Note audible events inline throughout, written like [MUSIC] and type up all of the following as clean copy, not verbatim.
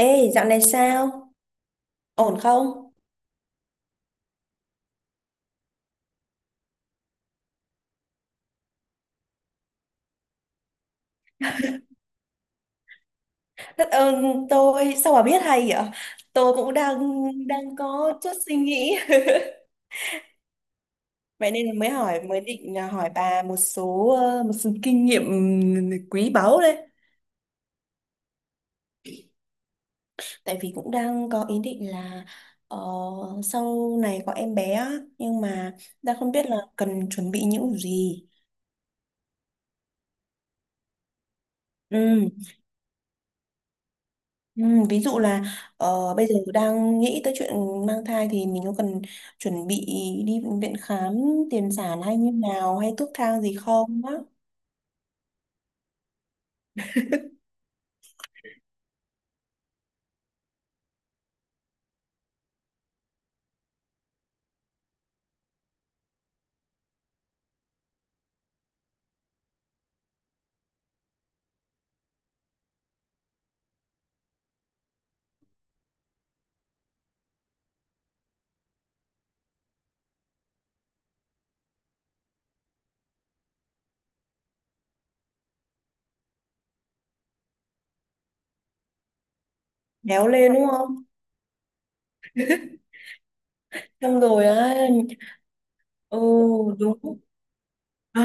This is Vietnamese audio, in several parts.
Ê, dạo này sao? Ổn không? Đất ơn tôi, sao bà biết hay vậy? Tôi cũng đang đang có chút suy nghĩ. [LAUGHS] Vậy nên là mới hỏi, mới định là hỏi bà một số một số kinh nghiệm quý báu đấy. Tại vì cũng đang có ý định là ờ, sau này có em bé á, nhưng mà đang không biết là cần chuẩn bị những gì. Ừ. Ừ, ví dụ là bây giờ đang nghĩ tới chuyện mang thai thì mình có cần chuẩn bị đi bệnh viện khám tiền sản hay như nào hay thuốc thang gì không á. [LAUGHS] Béo lên đúng không? Xong rồi á. Ừ, đúng à.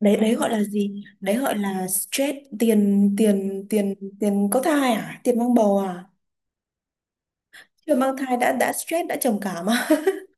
Đấy đấy, gọi là gì, đấy gọi là stress tiền tiền có thai à, tiền mang bầu à? Chưa mang thai đã stress, đã trầm cảm à? [LAUGHS]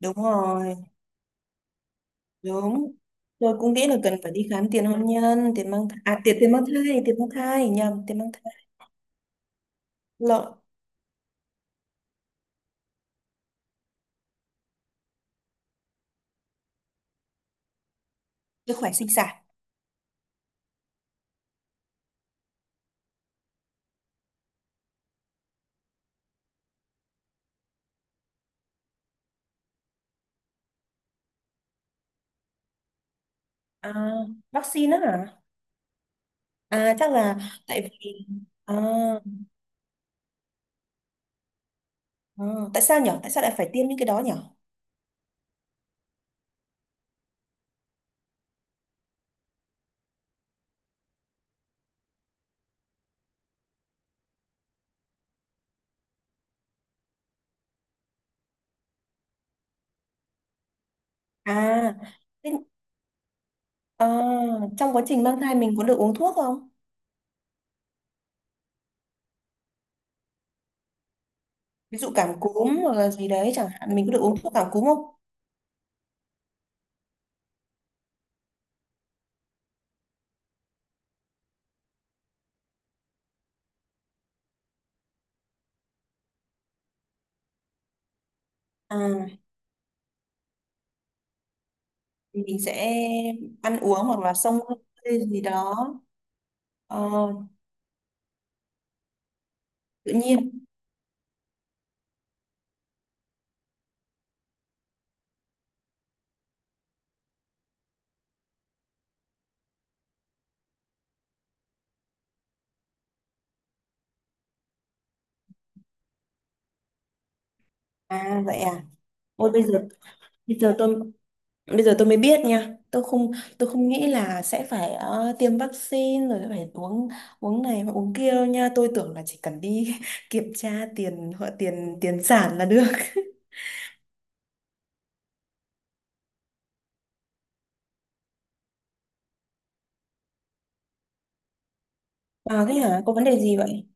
Đúng rồi, đúng rồi, cũng nghĩ là cần phải đi khám tiền hôn nhân, tiền mang thai, à tiền, tiền mang thai nhầm tiền mang thai lộn. Sức khỏe sinh sản. à, Vaccine á hả? À chắc là tại vì à, à, tại sao nhở, tại sao lại phải tiêm những cái đó nhở? à, thế- À trong quá trình mang thai mình có được uống thuốc không? Ví dụ cảm cúm hoặc là gì đấy chẳng hạn, mình có được uống thuốc cảm cúm không? À thì mình sẽ ăn uống hoặc là xông hơi gì đó. Ờ, tự nhiên. À vậy à. Ôi bây giờ, bây giờ tôi bây giờ tôi mới biết nha. Tôi không nghĩ là sẽ phải tiêm vaccine rồi phải uống uống này và uống kia đâu nha. Tôi tưởng là chỉ cần đi [LAUGHS] kiểm tra tiền họ, tiền tiền sản là được. [LAUGHS] À thế hả? Có vấn đề gì vậy?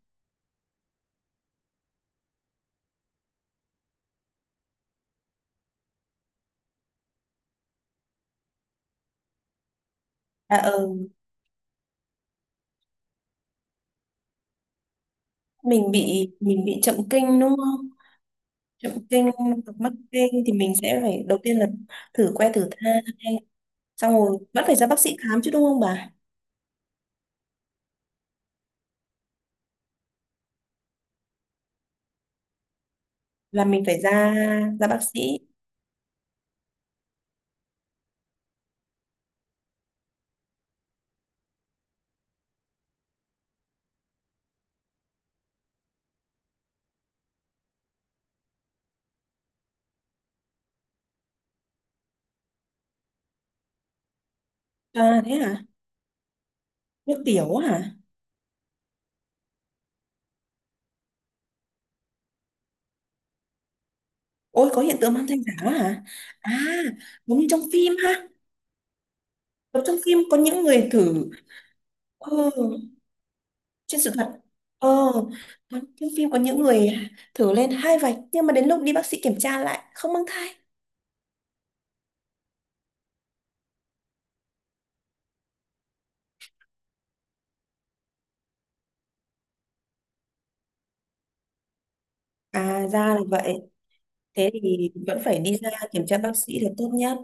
À ừ, mình bị chậm kinh đúng không? Chậm kinh hoặc mắc kinh thì mình sẽ phải đầu tiên là thử que thử thai, xong rồi vẫn phải ra bác sĩ khám chứ đúng không bà? Là mình phải ra, ra bác sĩ. À thế hả? Nước tiểu hả? Ôi có hiện tượng mang thai giả đó hả? À, giống như trong phim ha. Giống trong phim có những người thử, ừ, trên sự thật. Ờ, có- trong phim có những người thử lên hai vạch nhưng mà đến lúc đi bác sĩ kiểm tra lại không mang thai. À ra là vậy. Thế thì vẫn phải đi ra kiểm tra bác sĩ là tốt nhất.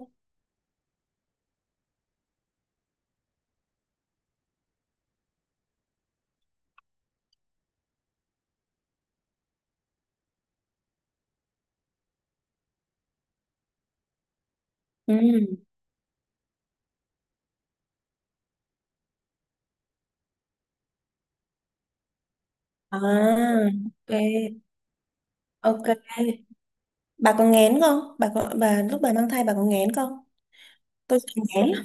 Ừ. À, ok, ok. Bà có nghén không? Bà lúc bà mang thai bà có nghén không? Tôi sợ nghén lắm.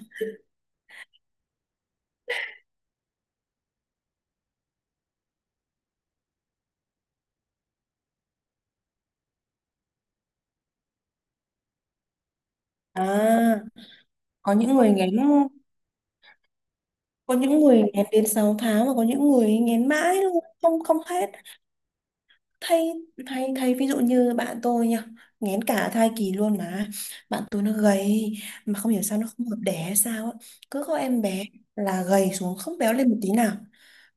À, có những người nghén có những người nghén đến 6 tháng, và có những người nghén mãi luôn, không không hết. Thay thay thay ví dụ như bạn tôi nha, nghén cả thai kỳ luôn mà. Bạn tôi nó gầy, mà không hiểu sao nó không hợp đẻ hay sao á, cứ có em bé là gầy xuống, không béo lên một tí nào.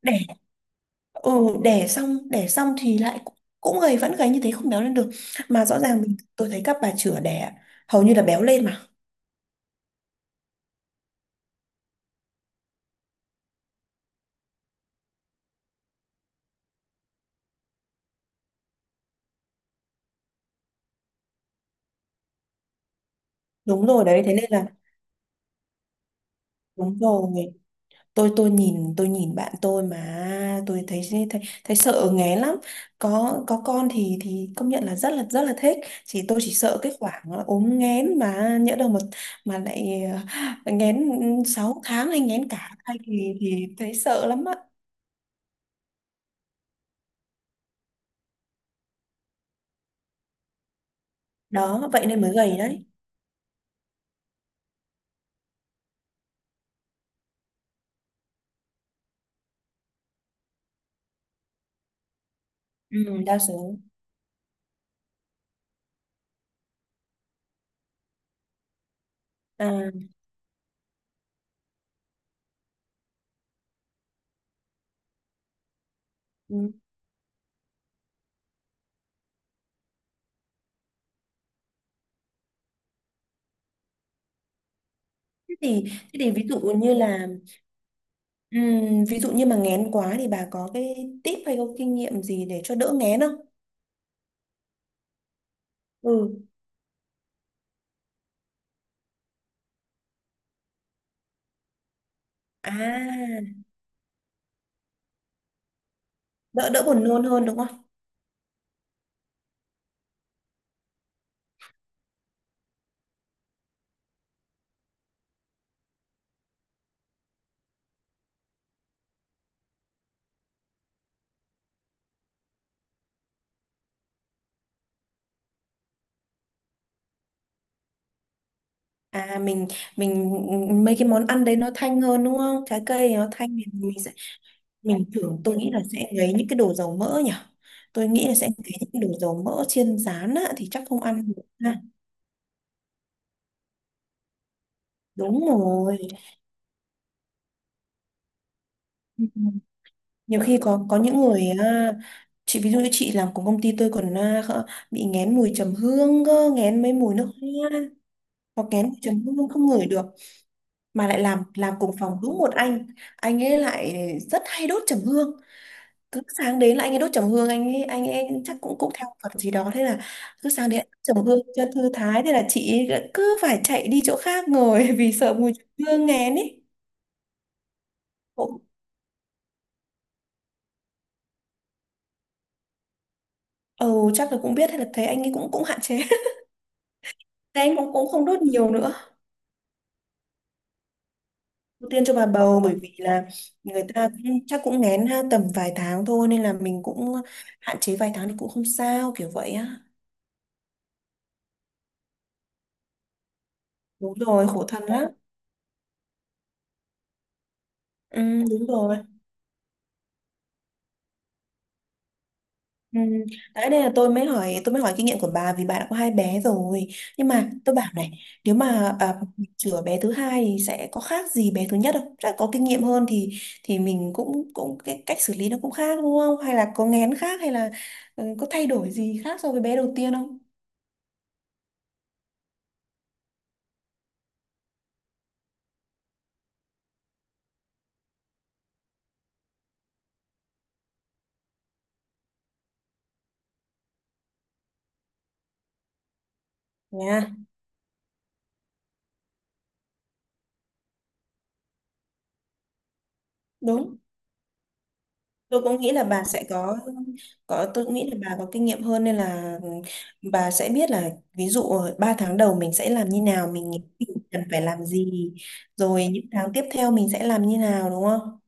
Đẻ, ừ, đẻ xong thì lại cũng, cũng gầy, vẫn gầy như thế, không béo lên được. Mà rõ ràng mình, tôi thấy các bà chữa đẻ hầu như là béo lên mà. Đúng rồi đấy, thế nên là đúng rồi. Tôi nhìn bạn tôi mà tôi thấy, thấy sợ nghé lắm. Có con thì công nhận là rất là thích. Tôi chỉ sợ cái khoảng là ốm nghén, mà nhỡ đâu mà lại ờ, nghén 6 tháng hay nghén cả thai thì thấy sợ lắm á. Đó vậy nên mới gầy đấy. Ừ, đa số. À, ừ. Thế thì ví dụ như là ừ, ví dụ như mà nghén quá thì bà có cái tip hay có kinh nghiệm gì để cho đỡ nghén không? Ừ. À, đỡ đỡ buồn nôn hơn đúng không? À mình mấy cái món ăn đấy nó thanh hơn đúng không, trái cây nó thanh thì mình sẽ, mình tưởng, tôi nghĩ là sẽ ngấy những cái đồ dầu mỡ nhỉ. Tôi nghĩ là sẽ ngấy những cái đồ dầu mỡ chiên rán á, thì chắc không ăn được ha. Đúng rồi. Ừ. Nhiều khi có những người à, chị, ví dụ như chị làm cùng công ty tôi còn à, khờ- bị nghén mùi trầm hương cơ, nghén mấy mùi nước hoa hoặc nghén mùi trầm hương không ngửi được. Mà lại làm cùng phòng đúng một anh ấy lại rất hay đốt trầm hương. Cứ sáng đến là anh ấy đốt trầm hương, anh ấy chắc cũng cũng theo Phật gì đó, thế là cứ sáng đến đốt trầm hương cho thư thái, thế là chị ấy cứ phải chạy đi chỗ khác ngồi [LAUGHS] vì sợ mùi hương nghén ấy. Cũng- ừ chắc là cũng biết hay là thấy anh ấy cũng cũng hạn chế. [LAUGHS] Thế anh cũng cũng không đốt nhiều nữa. Ưu tiên cho bà bầu, bởi vì là người ta cũng, chắc cũng nghén ha, tầm vài tháng thôi nên là mình cũng hạn chế vài tháng thì cũng không sao, kiểu vậy á. Đúng rồi, khổ thân lắm. Ừ, đúng rồi. Ừ. Đấy đây là tôi mới hỏi, tôi mới hỏi kinh nghiệm của bà vì bà đã có hai bé rồi, nhưng mà tôi bảo này, nếu mà à, chữa bé thứ hai thì sẽ có khác gì bé thứ nhất không? Chắc có kinh nghiệm hơn thì mình cũng, cũng cái cách xử lý nó cũng khác đúng không? Hay là có nghén khác, hay là ừ, có thay đổi gì khác so với bé đầu tiên không? Nha đúng. Tôi cũng nghĩ là bà sẽ có, tôi cũng nghĩ là bà có kinh nghiệm hơn nên là bà sẽ biết là ví dụ 3 tháng đầu mình sẽ làm như nào, mình nghĩ cần phải làm gì, rồi những tháng tiếp theo mình sẽ làm như nào đúng không.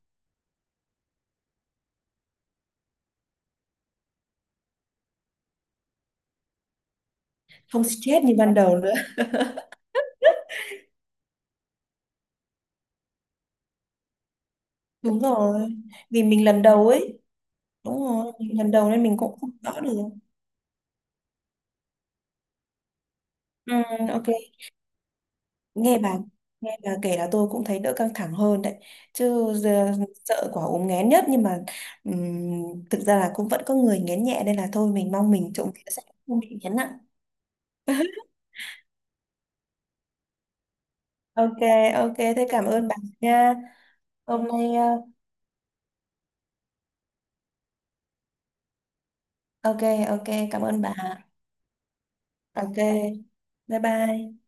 Không stress như ban đầu nữa. [LAUGHS] Đúng rồi, vì mình lần đầu ấy, đúng rồi mình lần đầu nên mình cũng không rõ được. Ừ, ok. Nghe bà nghe bà kể là tôi cũng thấy đỡ căng thẳng hơn đấy, chứ giờ sợ quả ốm nghén nhất, nhưng mà thực ra là cũng vẫn có người nghén nhẹ nên là thôi mình mong mình trộm vía sẽ không bị nghén nặng. Ok, ok, thế cảm ơn bà nha. Hôm nay ờ, ok, ok cảm ơn bà. Ok bye bye.